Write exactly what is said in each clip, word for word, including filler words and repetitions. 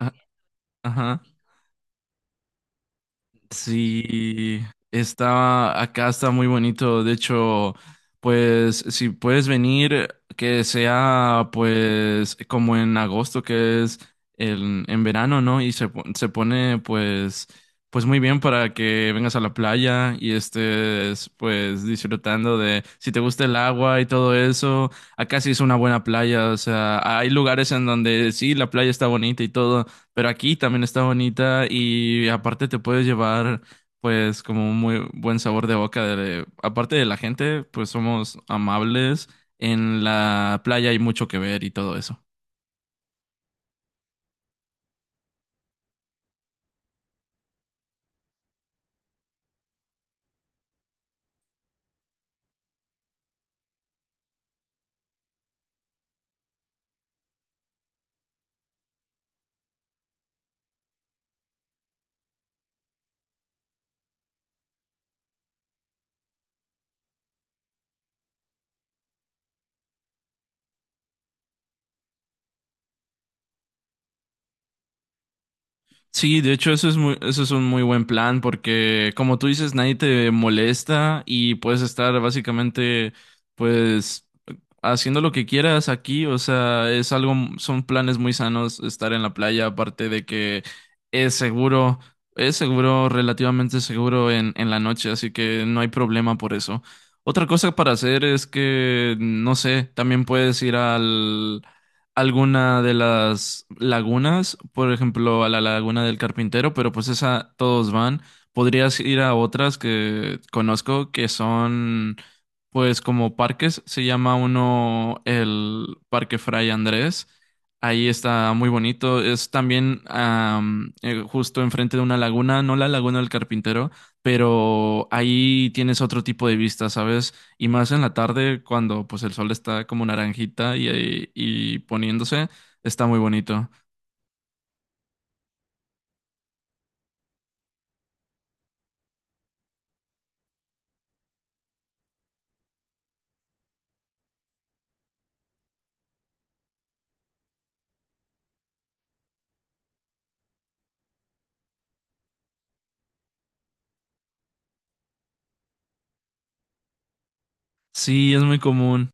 Ah, Ajá. Sí, está acá, está muy bonito. De hecho, pues si puedes venir, que sea pues como en agosto, que es el, en verano, ¿no? Y se, po- se pone pues, pues muy bien para que vengas a la playa y estés pues disfrutando de si te gusta el agua y todo eso. Acá sí es una buena playa, o sea, hay lugares en donde sí, la playa está bonita y todo pero aquí también está bonita y aparte te puedes llevar pues como un muy buen sabor de boca de, aparte de la gente, pues somos amables, en la playa hay mucho que ver y todo eso. Sí, de hecho eso es muy, eso es un muy buen plan porque como tú dices, nadie te molesta y puedes estar básicamente pues haciendo lo que quieras aquí, o sea, es algo, son planes muy sanos estar en la playa, aparte de que es seguro, es seguro, relativamente seguro en, en la noche, así que no hay problema por eso. Otra cosa para hacer es que, no sé, también puedes ir alguna de las lagunas, por ejemplo, a la Laguna del Carpintero, pero pues esa todos van. Podrías ir a otras que conozco que son pues como parques. Se llama uno el Parque Fray Andrés. Ahí está muy bonito. Es también am, eh, justo enfrente de una laguna, no la Laguna del Carpintero, pero ahí tienes otro tipo de vista, ¿sabes? Y más en la tarde, cuando pues el sol está como naranjita y, eh, y- poniéndose, está muy bonito. Sí, es muy común.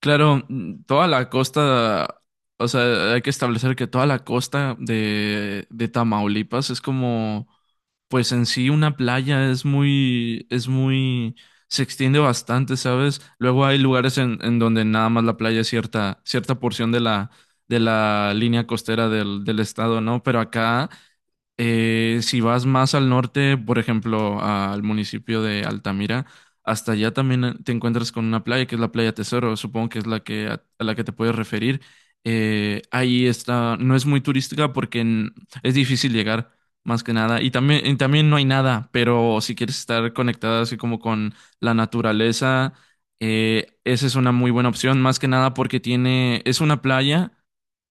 Claro, mm, toda la costa, o sea, hay que establecer que toda la costa de, de Tamaulipas es como pues en sí una playa es muy, es muy, se extiende bastante, ¿sabes? Luego hay lugares en, en donde nada más la playa es cierta, cierta porción de la, de la línea costera del, del estado, ¿no? Pero acá, eh, si vas más al norte, por ejemplo, al municipio de Altamira, hasta allá también eh, te encuentras con una playa que es la Playa Tesoro, supongo que es la que a, a la que te puedes referir. Eh, ahí está, no es muy turística porque en- es difícil llegar. Más que nada. Y también, y también no hay nada, pero si quieres estar conectada así como con la naturaleza, eh, esa es una muy buena opción, más que nada porque tiene, es una playa,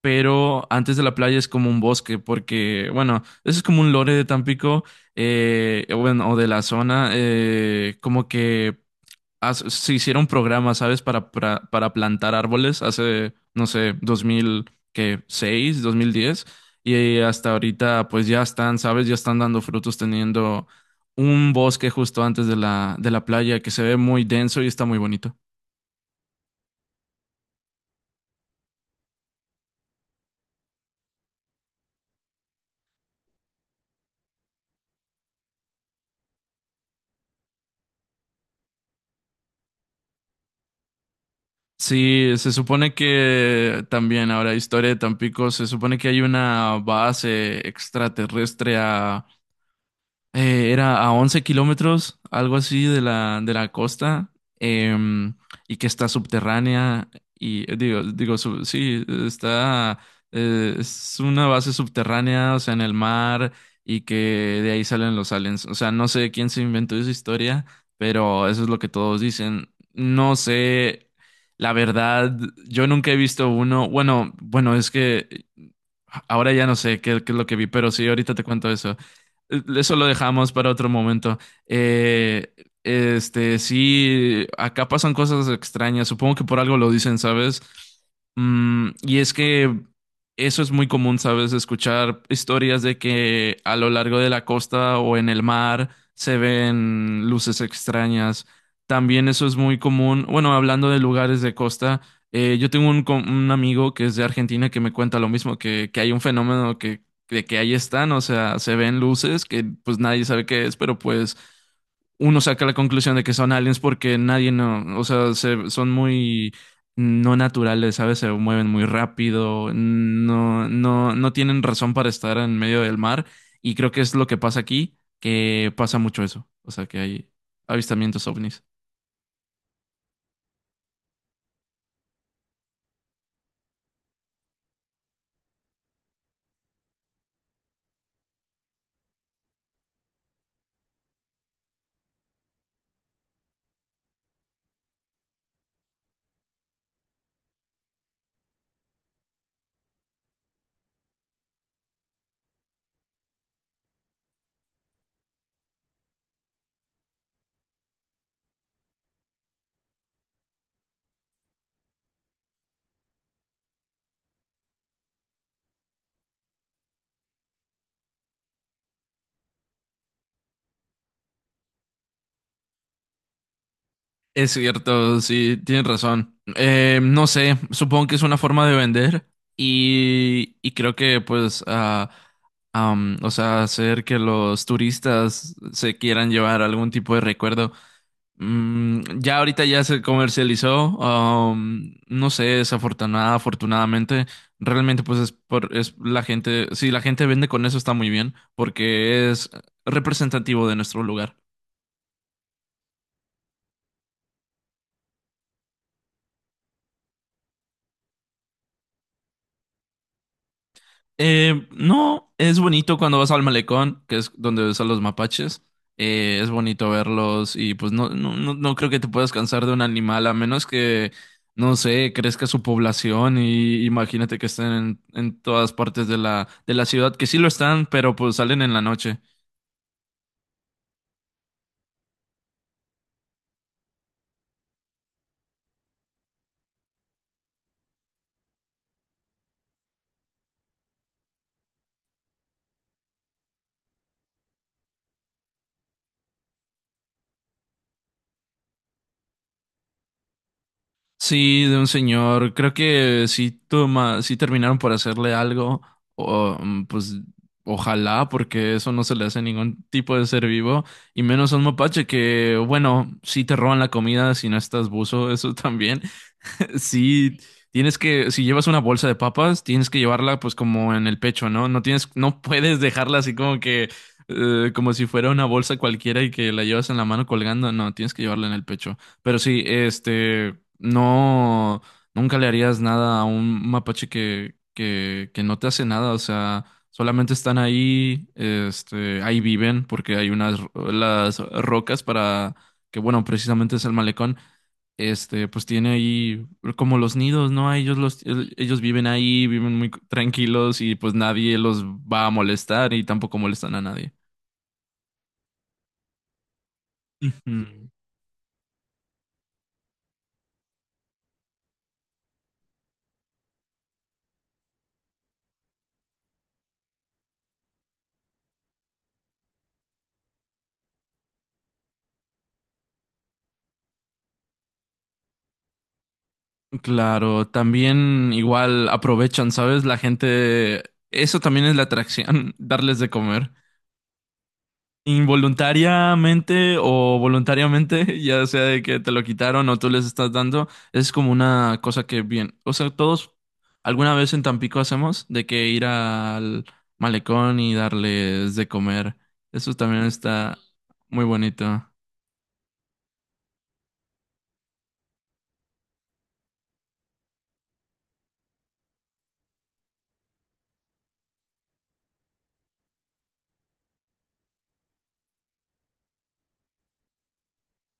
pero antes de la playa es como un bosque, porque, bueno, eso es como un lore de Tampico, eh, o bueno, o de la zona, eh, como que haz- se hicieron programas, ¿sabes? Para, para, para plantar árboles hace, no sé, dos mil seis, dos mil diez. Y hasta ahorita, pues ya están, ¿sabes? Ya están dando frutos teniendo un bosque justo antes de la, de la playa que se ve muy denso y está muy bonito. Sí, se supone que también ahora, historia de Tampico, se supone que hay una base extraterrestre a Eh, era a once kilómetros, algo así, de la, de la costa, em, y que está subterránea, y eh, digo, digo, sub- sí, está, eh, es una base subterránea, o sea, en el mar, y que de ahí salen los aliens. O sea, no sé quién se inventó esa historia, pero eso es lo que todos dicen. No sé, la verdad, yo nunca he visto uno, bueno, bueno, es que... Ahora ya no sé qué, qué es lo que vi, pero sí, ahorita te cuento eso. Eh, Eso lo dejamos para otro momento. Eh, este, sí, acá pasan cosas extrañas. Supongo que por algo lo dicen, ¿sabes? Mm, y es que eso es muy común, ¿sabes? Escuchar historias de que a lo largo de la costa o en el mar se ven luces extrañas. También eso es muy común, bueno, hablando de lugares de costa. Eh, yo tengo un, com- un amigo que es de Argentina que me cuenta lo mismo, que, que hay un fenómeno que, de que ahí están, o sea, se ven luces que pues nadie sabe qué es, pero pues uno saca la conclusión de que son aliens porque nadie no, o sea, se- son muy no naturales, ¿sabes? Se mueven muy rápido, no, no, no tienen razón para estar en medio del mar y creo que es lo que pasa aquí, que pasa mucho eso, o sea, que hay avistamientos ovnis. Es cierto, sí, tienes razón. Eh, no sé, supongo que es una forma de vender y, y creo que pues, ah, am, o sea, hacer que los turistas se quieran llevar algún tipo de recuerdo. Mm, ya ahorita ya se comercializó, am, no sé, desafortunada, afortunadamente, realmente pues es por, es la gente, si la gente vende con eso está muy bien porque es representativo de nuestro lugar. Eh, no, es bonito cuando vas al malecón, que es donde ves a los mapaches. Eh, es bonito verlos y pues no, no, no, no creo que te puedas cansar de un animal, a menos que, no sé, crezca su población y imagínate que estén en, en todas partes de la, de la ciudad, que sí lo están, pero pues salen en la noche. Sí, de un señor. Creo que sí, toma, sí terminaron por hacerle algo. O, mm, pues ojalá, porque eso no se le hace a ningún tipo de ser vivo. Y menos a un mapache que, bueno, sí te roban la comida si no estás buzo, eso también. Sí, tienes que, si llevas una bolsa de papas, tienes que llevarla pues como en el pecho, ¿no? No tienes, no puedes dejarla así como que, eh, como si fuera una bolsa cualquiera y que la llevas en la mano colgando, no, tienes que llevarla en el pecho. Pero sí, este, no, nunca le harías nada a un mapache que, que, que no te hace nada, o sea, solamente están ahí, este, ahí viven porque hay unas, ro- las rocas para, que bueno, precisamente es el malecón este, pues tiene ahí como los nidos, ¿no? A Ellos los, el- ellos viven ahí, viven muy tranquilos y pues nadie los va a molestar y tampoco molestan a nadie. Ujú. Claro, también igual aprovechan, ¿sabes? La gente, eso también es la atracción, darles de comer. Involuntariamente o voluntariamente, ya sea de que te lo quitaron o tú les estás dando, es como una cosa que bien, o sea, todos alguna vez en Tampico hacemos de que ir al malecón y darles de comer. Eso también está muy bonito.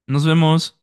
Nos vemos.